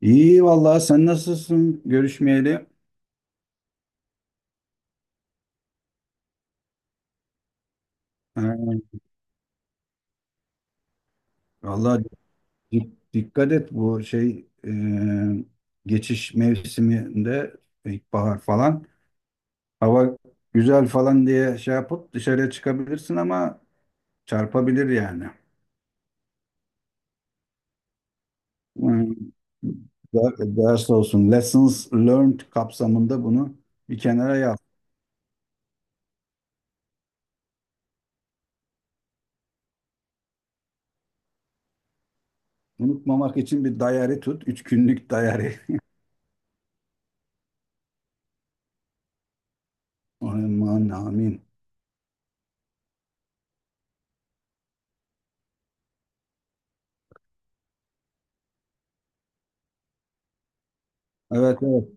İyi vallahi sen nasılsın görüşmeyeli? Ha, vallahi dikkat et bu şey, geçiş mevsiminde ilkbahar falan hava güzel falan diye şey yapıp dışarıya çıkabilirsin ama çarpabilir yani. Hmm, Ders olsun. Lessons learned kapsamında bunu bir kenara yaz. Unutmamak için bir diary tut. 3 günlük diary. Aman amin. Evet evet.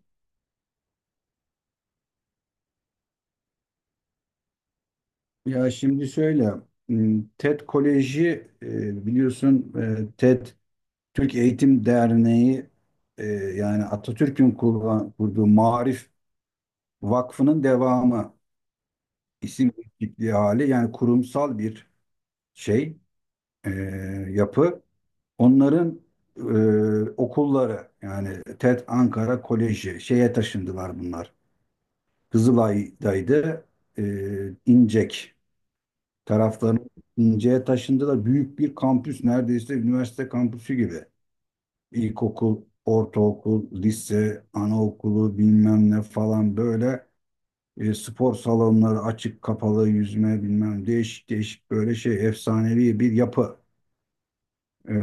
Ya şimdi şöyle, TED Koleji, biliyorsun, TED Türk Eğitim Derneği, yani Atatürk'ün kurduğu Maarif Vakfı'nın devamı, isim değişikliği hali, yani kurumsal bir şey e, yapı. Onların okulları, yani TED Ankara Koleji şeye taşındılar bunlar. Kızılay'daydı, İncek. Taraflarını İnce'ye taşındılar. Büyük bir kampüs, neredeyse üniversite kampüsü gibi. İlkokul, ortaokul, lise, anaokulu bilmem ne falan böyle, spor salonları açık kapalı yüzme bilmem değişik değişik böyle şey, efsanevi bir yapı. Ee,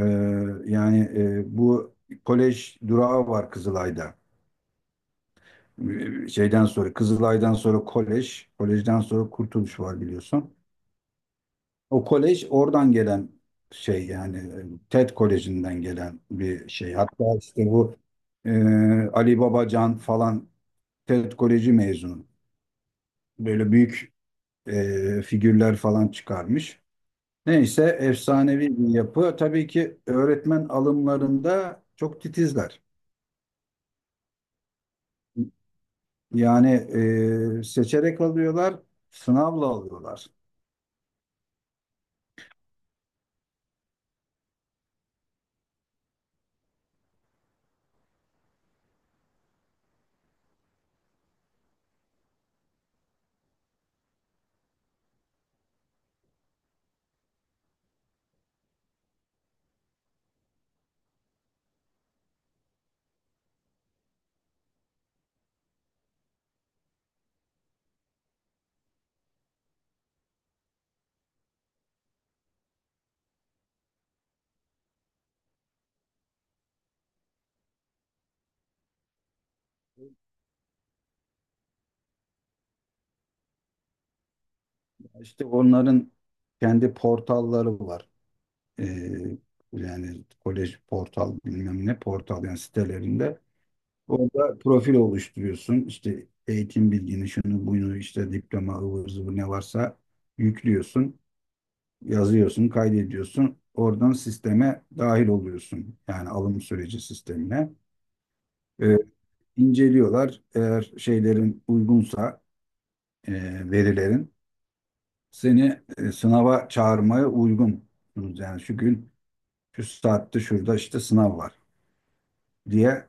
yani, bu kolej durağı var Kızılay'da. Şeyden sonra, Kızılay'dan sonra kolej, kolejden sonra Kurtuluş var biliyorsun. O kolej oradan gelen şey, yani TED Koleji'nden gelen bir şey. Hatta işte bu e, Ali Babacan falan TED Koleji mezunu. Böyle büyük, figürler falan çıkarmış. Neyse, efsanevi bir yapı. Tabii ki öğretmen alımlarında çok titizler. Yani, seçerek alıyorlar, sınavla alıyorlar. İşte onların kendi portalları var. e, yani kolej portal bilmem ne portal, yani sitelerinde orada profil oluşturuyorsun. İşte eğitim bilgini, şunu bunu, işte diploma, ıvır zıvır ne varsa yüklüyorsun. Yazıyorsun, kaydediyorsun. Oradan sisteme dahil oluyorsun, yani alım süreci sistemine. E, inceliyorlar. Eğer şeylerin uygunsa e, verilerin seni sınava çağırmaya uygun. Yani şu gün şu saatte şurada işte sınav var diye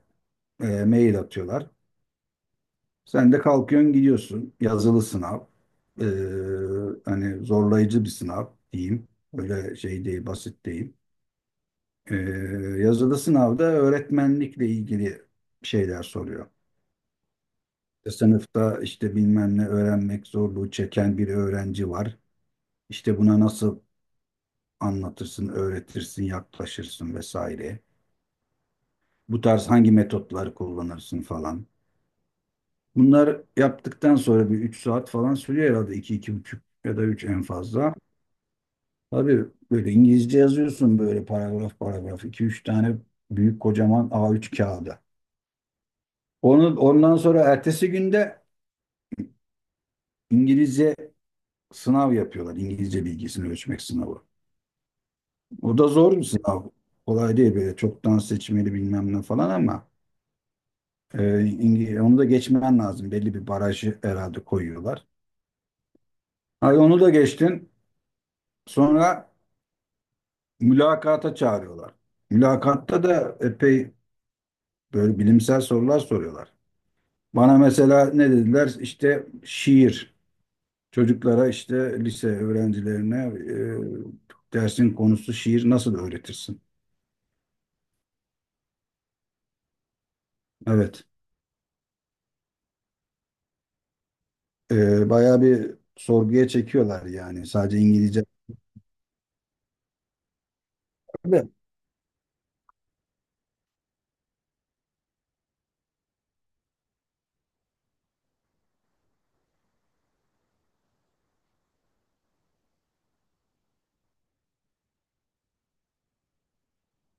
Mail atıyorlar. Sen de kalkıyorsun gidiyorsun. Yazılı sınav. E, hani zorlayıcı bir sınav diyeyim. Öyle şey değil, basit değil. E, Yazılı sınavda öğretmenlikle ilgili şeyler soruyor. İşte sınıfta işte bilmem ne, öğrenmek zorluğu çeken bir öğrenci var. İşte buna nasıl anlatırsın, öğretirsin, yaklaşırsın vesaire. Bu tarz hangi metotları kullanırsın falan. Bunlar yaptıktan sonra bir 3 saat falan sürüyor herhalde. İki iki buçuk ya da üç en fazla. Tabii böyle İngilizce yazıyorsun, böyle paragraf paragraf. İki üç tane büyük kocaman A3 kağıda. Onu, ondan sonra ertesi günde İngilizce sınav yapıyorlar. İngilizce bilgisini ölçmek sınavı. O da zor bir sınav. Kolay değil böyle, çoktan seçmeli bilmem ne falan, ama onu da geçmen lazım. Belli bir barajı herhalde koyuyorlar. Ay, onu da geçtin. Sonra mülakata çağırıyorlar. Mülakatta da epey böyle bilimsel sorular soruyorlar. Bana mesela ne dediler? İşte şiir. Çocuklara, işte lise öğrencilerine, dersin konusu şiir, nasıl öğretirsin? Evet. Bayağı bir sorguya çekiyorlar yani. Sadece İngilizce. Evet,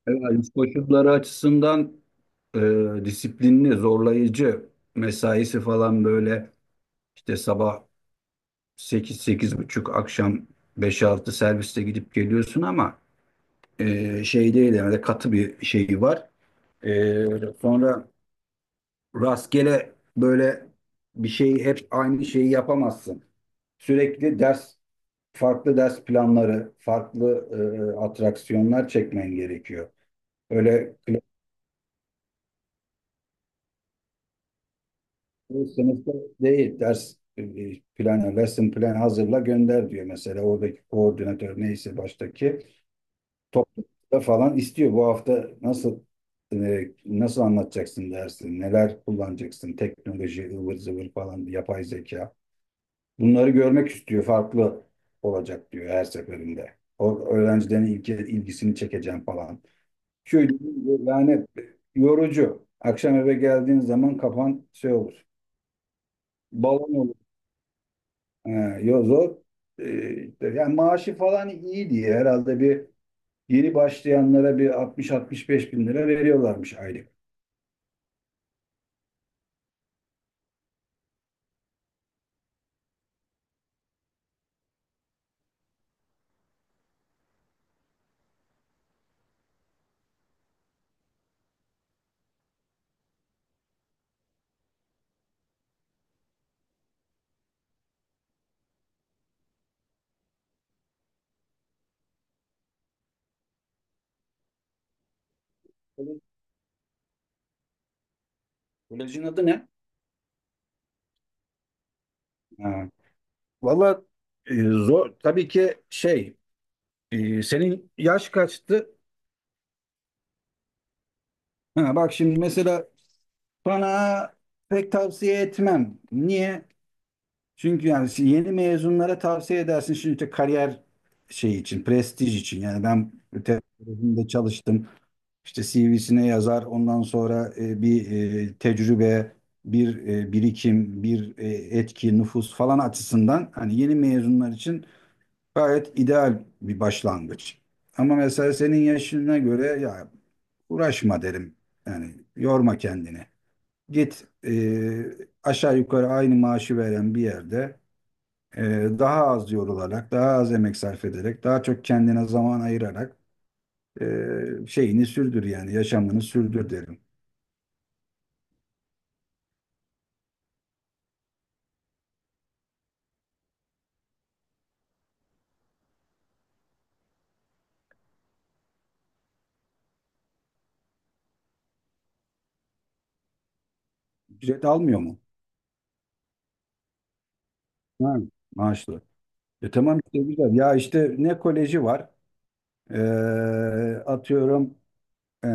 Evet, koşulları açısından, disiplinli, zorlayıcı. Mesaisi falan böyle işte sabah 8 buçuk, akşam 5-6 serviste gidip geliyorsun, ama, şey değil yani, de katı bir şeyi var. E, Sonra rastgele böyle bir şeyi, hep aynı şeyi yapamazsın. Sürekli ders, farklı ders planları, farklı, atraksiyonlar çekmen gerekiyor. Öyle klasik sınıfta değil. Ders, planı, lesson plan hazırla gönder diyor mesela oradaki koordinatör, neyse baştaki. Toplumda falan istiyor. Bu hafta nasıl anlatacaksın dersi, neler kullanacaksın, teknoloji, ıvır zıvır falan, yapay zeka. Bunları görmek istiyor, farklı olacak diyor her seferinde. O öğrencilerin ilgisini çekeceğim falan. Şöyle yani, yorucu. Akşam eve geldiğin zaman kafan şey olur. Balon olur. Ee, Zor. İşte yani maaşı falan iyi diye herhalde bir. Yeni başlayanlara bir 60-65 bin lira veriyorlarmış aylık. Kolejin adı ne? Ha. Valla, zor. Tabii ki şey, senin yaş kaçtı? Ha, bak şimdi mesela bana pek tavsiye etmem. Niye? Çünkü yani yeni mezunlara tavsiye edersin. Şimdi işte kariyer şey için, prestij için. Yani ben öte tarafında çalıştım. İşte CV'sine yazar. Ondan sonra bir tecrübe, bir birikim, bir etki, nüfus falan açısından, hani yeni mezunlar için gayet ideal bir başlangıç. Ama mesela senin yaşına göre ya, uğraşma derim. Yani yorma kendini. Git, aşağı yukarı aynı maaşı veren bir yerde e, daha az yorularak, daha az emek sarf ederek, daha çok kendine zaman ayırarak, şeyini sürdür, yani yaşamını sürdür derim. Ücret almıyor mu? Ha, maaşlı. Tamam işte, güzel. Ya işte ne koleji var? Ee, Atıyorum e,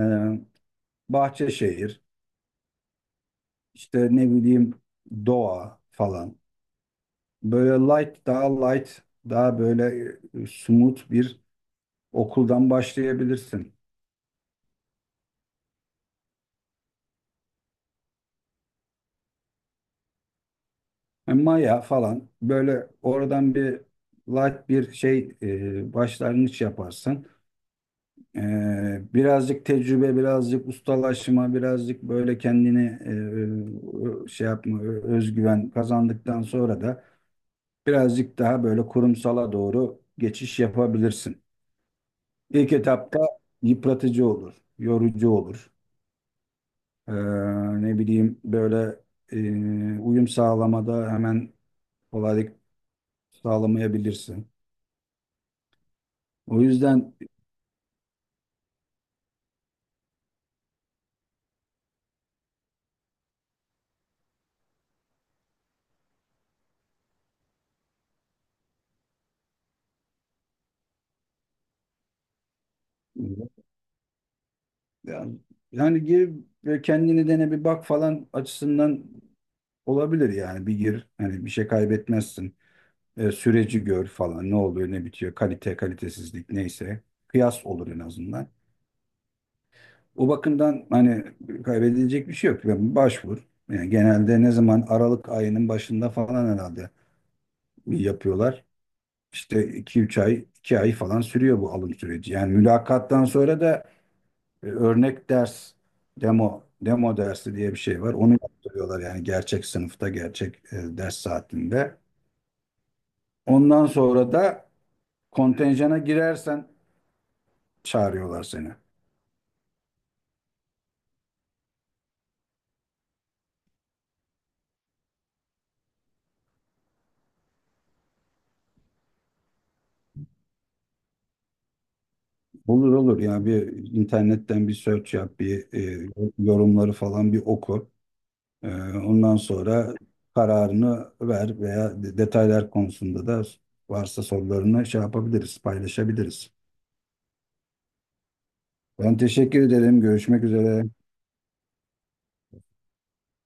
Bahçeşehir, işte ne bileyim Doğa falan. Böyle light, daha light, daha böyle, smooth bir okuldan başlayabilirsin. Maya falan böyle oradan bir light bir şey, başlangıç yaparsın. E, Birazcık tecrübe, birazcık ustalaşma, birazcık böyle kendini şey yapma, özgüven kazandıktan sonra da birazcık daha böyle kurumsala doğru geçiş yapabilirsin. İlk etapta yıpratıcı olur, yorucu olur. E, Ne bileyim böyle, uyum sağlamada hemen kolaylık sağlamayabilirsin. O yüzden yani, yani, gir ve kendini dene bir bak falan açısından olabilir, yani bir gir, hani bir şey kaybetmezsin. Süreci gör falan, ne oluyor ne bitiyor, kalite kalitesizlik neyse, kıyas olur en azından. O bakımdan hani kaybedilecek bir şey yok. Yani başvur. Yani genelde ne zaman, Aralık ayının başında falan herhalde yapıyorlar. İşte iki üç ay, 2 ay falan sürüyor bu alım süreci. Yani mülakattan sonra da, örnek ders, demo dersi diye bir şey var. Onu yaptırıyorlar, yani gerçek sınıfta gerçek, ders saatinde. Ondan sonra da kontenjana girersen çağırıyorlar seni. Olur olur, yani bir internetten bir search yap, bir e, yorumları falan bir oku. E, Ondan sonra kararını ver. Veya detaylar konusunda da varsa sorularını şey yapabiliriz, paylaşabiliriz. Ben teşekkür ederim. Görüşmek üzere.